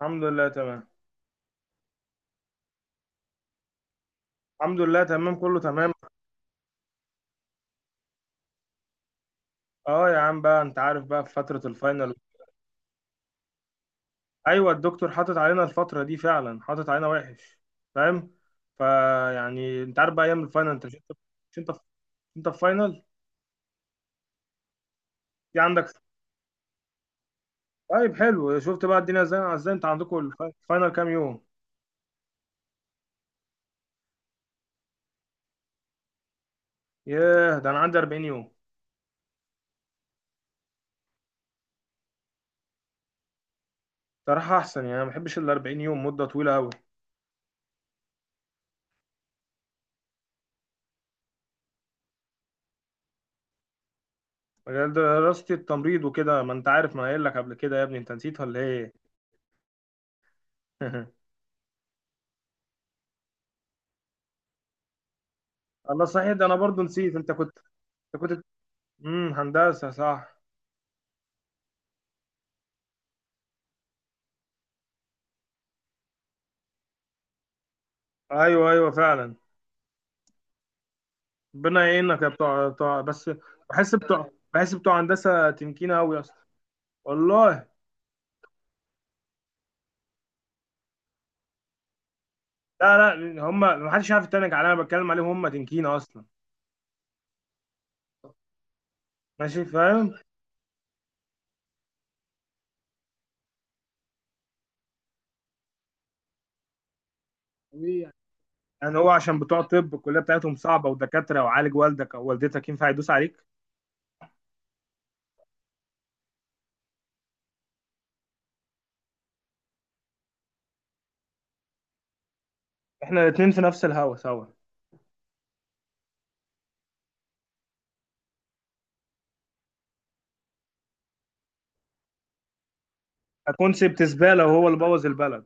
الحمد لله تمام. كله تمام. اه يا عم بقى، انت عارف بقى في فترة الفاينل. ايوه الدكتور حاطط علينا الفترة دي فعلا، حاطط علينا وحش. فاهم. فيعني انت عارف بقى ايام الفاينل، انت مش انت مش انت في انت في فاينل. دي عندك. طيب حلو، شفت بقى الدنيا ازاي، انت عندكم الفاينل كام يوم؟ ياه، ده انا عندي 40 يوم. صراحة احسن يعني، انا ما بحبش ال 40 يوم، مدة طويلة قوي. مجال دراستي التمريض وكده، ما انت عارف، ما أنا قايل لك قبل كده يا ابني، انت نسيت ولا ايه؟ الله صحيح، ده انا برضو نسيت، انت كنت، انت كنت هندسه صح. ايوه ايوه فعلا. ربنا يعينك يا بتوع بس. بحس بتوع هندسه تنكينه قوي اصلا. والله. لا لا، هم ما حدش عارف يتنك عليا، انا بتكلم عليهم هم تنكينه اصلا. ماشي فاهم. طبيعي. يعني هو عشان بتوع طب الكليه بتاعتهم صعبه ودكاتره وعالج، والدك او والدتك ينفع يدوس عليك. احنا الاثنين في نفس الهوا سوا. الكونسيبت زباله، وهو اللي بوظ البلد.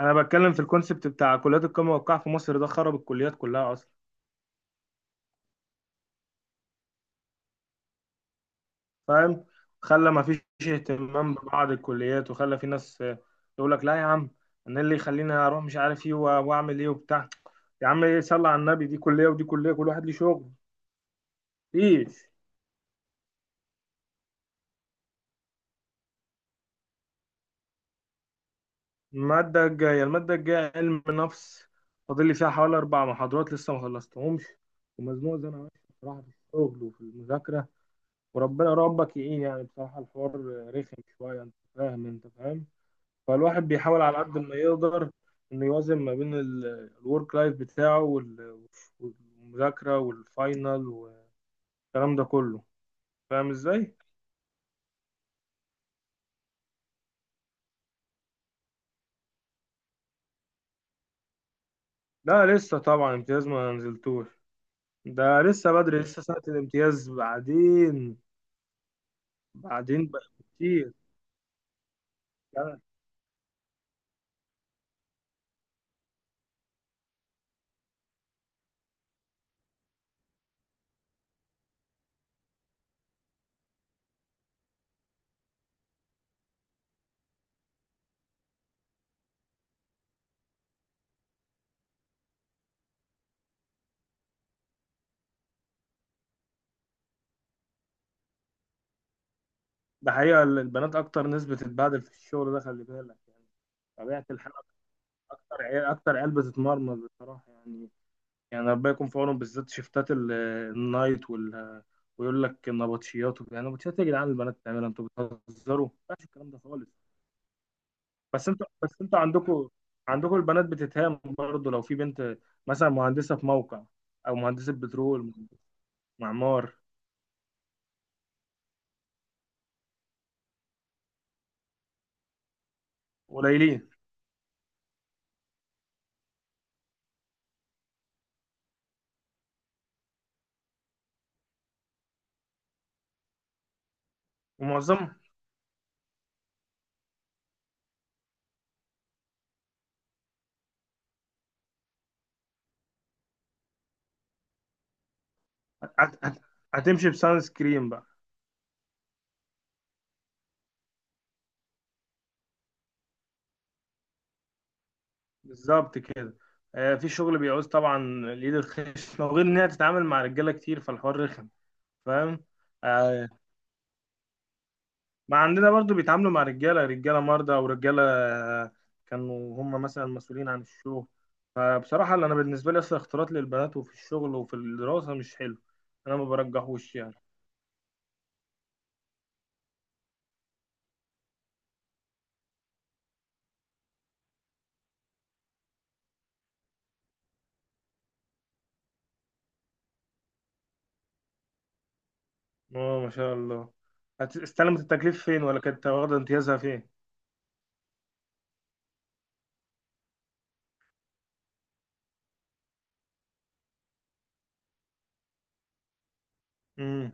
انا بتكلم في الكونسيبت بتاع كليات القمه والقاع في مصر، ده خرب الكليات كلها اصلا. فاهم. خلى ما فيش اهتمام ببعض الكليات، وخلى في ناس يقول لك لا يا عم، انا اللي يخليني اروح مش عارف ايه واعمل ايه وبتاع. يا عم ايه، صلى على النبي، دي كليه ودي كليه، كل واحد ليه شغل. مفيش. الماده الجايه، علم نفس. فاضل لي فيها حوالي اربع محاضرات لسه ما خلصتهمش. ومزنوق زي انا ماشي بصراحه، في الشغل وفي المذاكره. وربنا ربك يعين، يعني بصراحه الحوار رخم شويه، انت فاهم، انت فاهم. فالواحد بيحاول على قد ما يقدر انه يوازن ما بين الورك لايف بتاعه والمذاكرة والفاينل والكلام ده كله. فاهم ازاي؟ لا لسه طبعا، امتياز ما نزلتوش. ده لسه بدري، لسه سنة الامتياز بعدين. بعدين بقى كتير. لا. ده حقيقة، البنات أكتر ناس بتتبهدل في الشغل ده، خلي بالك يعني. طبيعة الحال. أكتر عيال بتتمرمط بصراحة يعني. يعني ربنا يكون في عونهم، بالذات شيفتات النايت ويقول لك النبطشيات وكده، النبطشيات يا جدعان البنات بتعملها، انتوا بتهزروا، ما ينفعش الكلام ده خالص. بس انتوا عندكم البنات بتتهام برضه، لو في بنت مثلا مهندسه في موقع، او مهندسه بترول، معمار. قليلين. ومعظم. هت- هت- هتمشي بسان سكرين بقى. بالظبط كده. في شغل بيعوز طبعا اليد الخشنه، وغير ان هي تتعامل مع رجاله كتير، فالحوار رخم. فاهم. آه، ما عندنا برضو بيتعاملوا مع رجالة، مرضى أو رجالة كانوا هم مثلا مسؤولين عن الشغل. فبصراحة اللي أنا بالنسبة لي، أصلا اختلاط للبنات، وفي الشغل وفي الدراسة، مش حلو. أنا ما برجحوش يعني. اه ما شاء الله. استلمت التكليف فين، ولا كانت واخدة امتيازها فين؟ امم.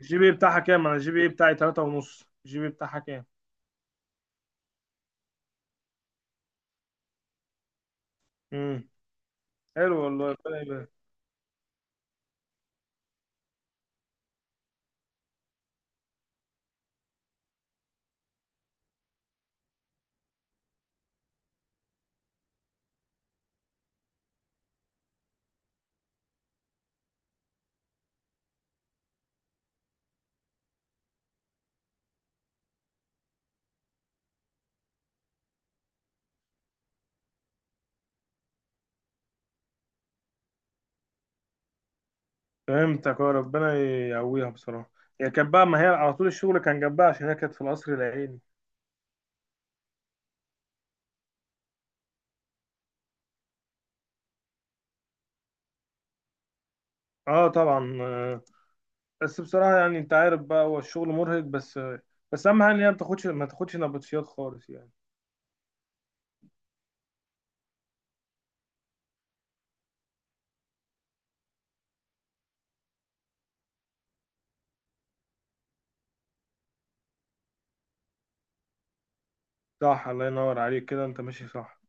الجي بي إيه بتاعها كام؟ أنا الجي بي إيه بتاعي تلاتة ونص، الجي بي إيه بتاعها كام؟ امم. حلو والله، ربنا يبارك. فهمتك اه، ربنا يقويها بصراحة. هي كانت بقى، ما هي على طول الشغل كان جنبها، عشان هي كانت في القصر العيني. اه طبعا. بس بصراحة يعني، انت عارف بقى، هو الشغل مرهق. بس اهم حاجة ان هي ما تاخدش نبطشيات خالص يعني. صح، الله ينور عليك كده، انت ماشي صح.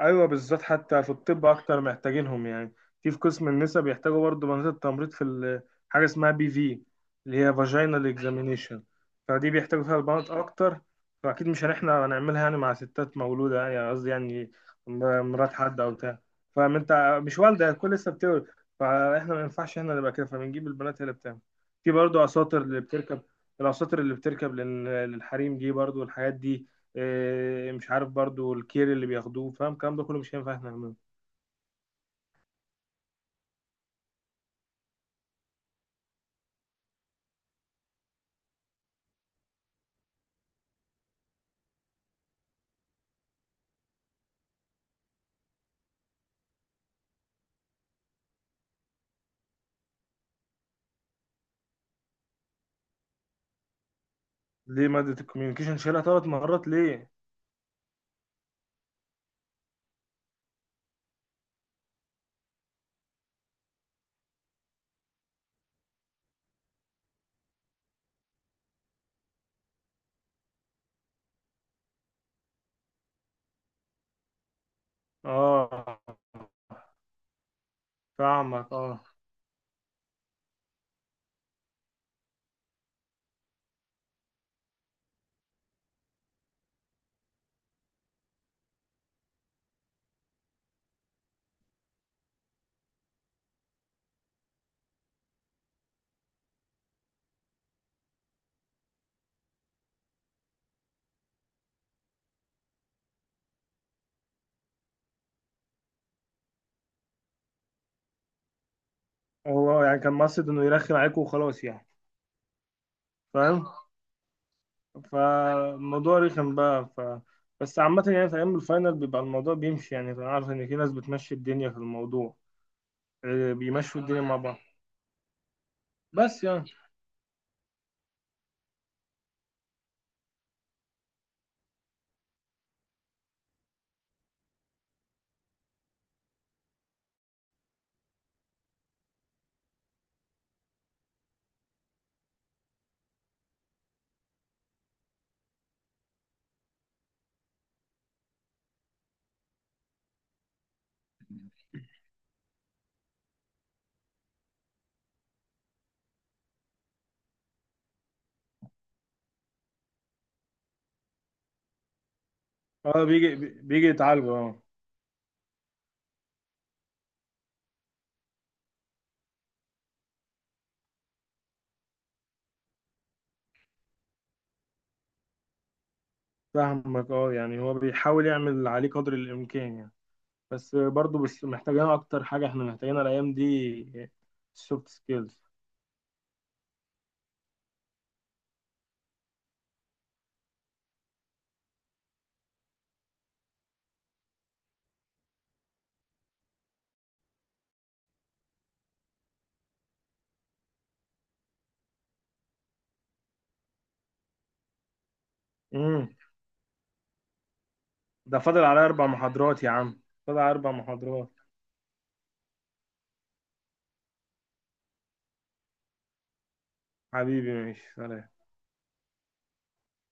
ايوه بالذات، حتى في الطب اكتر محتاجينهم يعني. في قسم النساء بيحتاجوا برضه بنات التمريض حاجه اسمها بي في، اللي هي فاجينال اكزامينيشن. فدي بيحتاجوا فيها البنات اكتر. فاكيد مش هنحنا هنعملها يعني مع ستات مولوده يعني، قصدي يعني مرات حد او بتاع. فاهم، انت مش والده، الكل لسه بتولد. فاحنا ما ينفعش احنا نبقى كده، فبنجيب البنات هي اللي بتعمل. في برضه اساطر اللي بتركب، الاساطر اللي بتركب لل- للحريم دي برضه، والحاجات دي. مش عارف برضو الكير اللي بياخدوه، فاهم الكلام ده كله مش هينفع احنا نعمله. ليه مادة الكوميونيكيشن شالها ثلاث مرات ليه؟ اه فاهمك اه، هو يعني كان مقصد انه يرخم عليكم وخلاص يعني. فاهم؟ فالموضوع رخم بقى. ف. بس عامة يعني، في أيام الفاينل بيبقى الموضوع بيمشي يعني، أنا عارف إن في ناس بتمشي الدنيا في الموضوع. بيمشوا الدنيا مع بعض. بس يعني. اه. بيجي، يتعالجوا اه. فاهمك اه، يعني هو بيحاول يعمل اللي عليه قدر الإمكان يعني. بس برضو، بس محتاجين اكتر حاجه احنا محتاجينها الايام دي، السوفت سكيلز. امم. ده فاضل على اربع محاضرات يا عم، فاضل على اربع محاضرات. حبيبي ماشي سلام.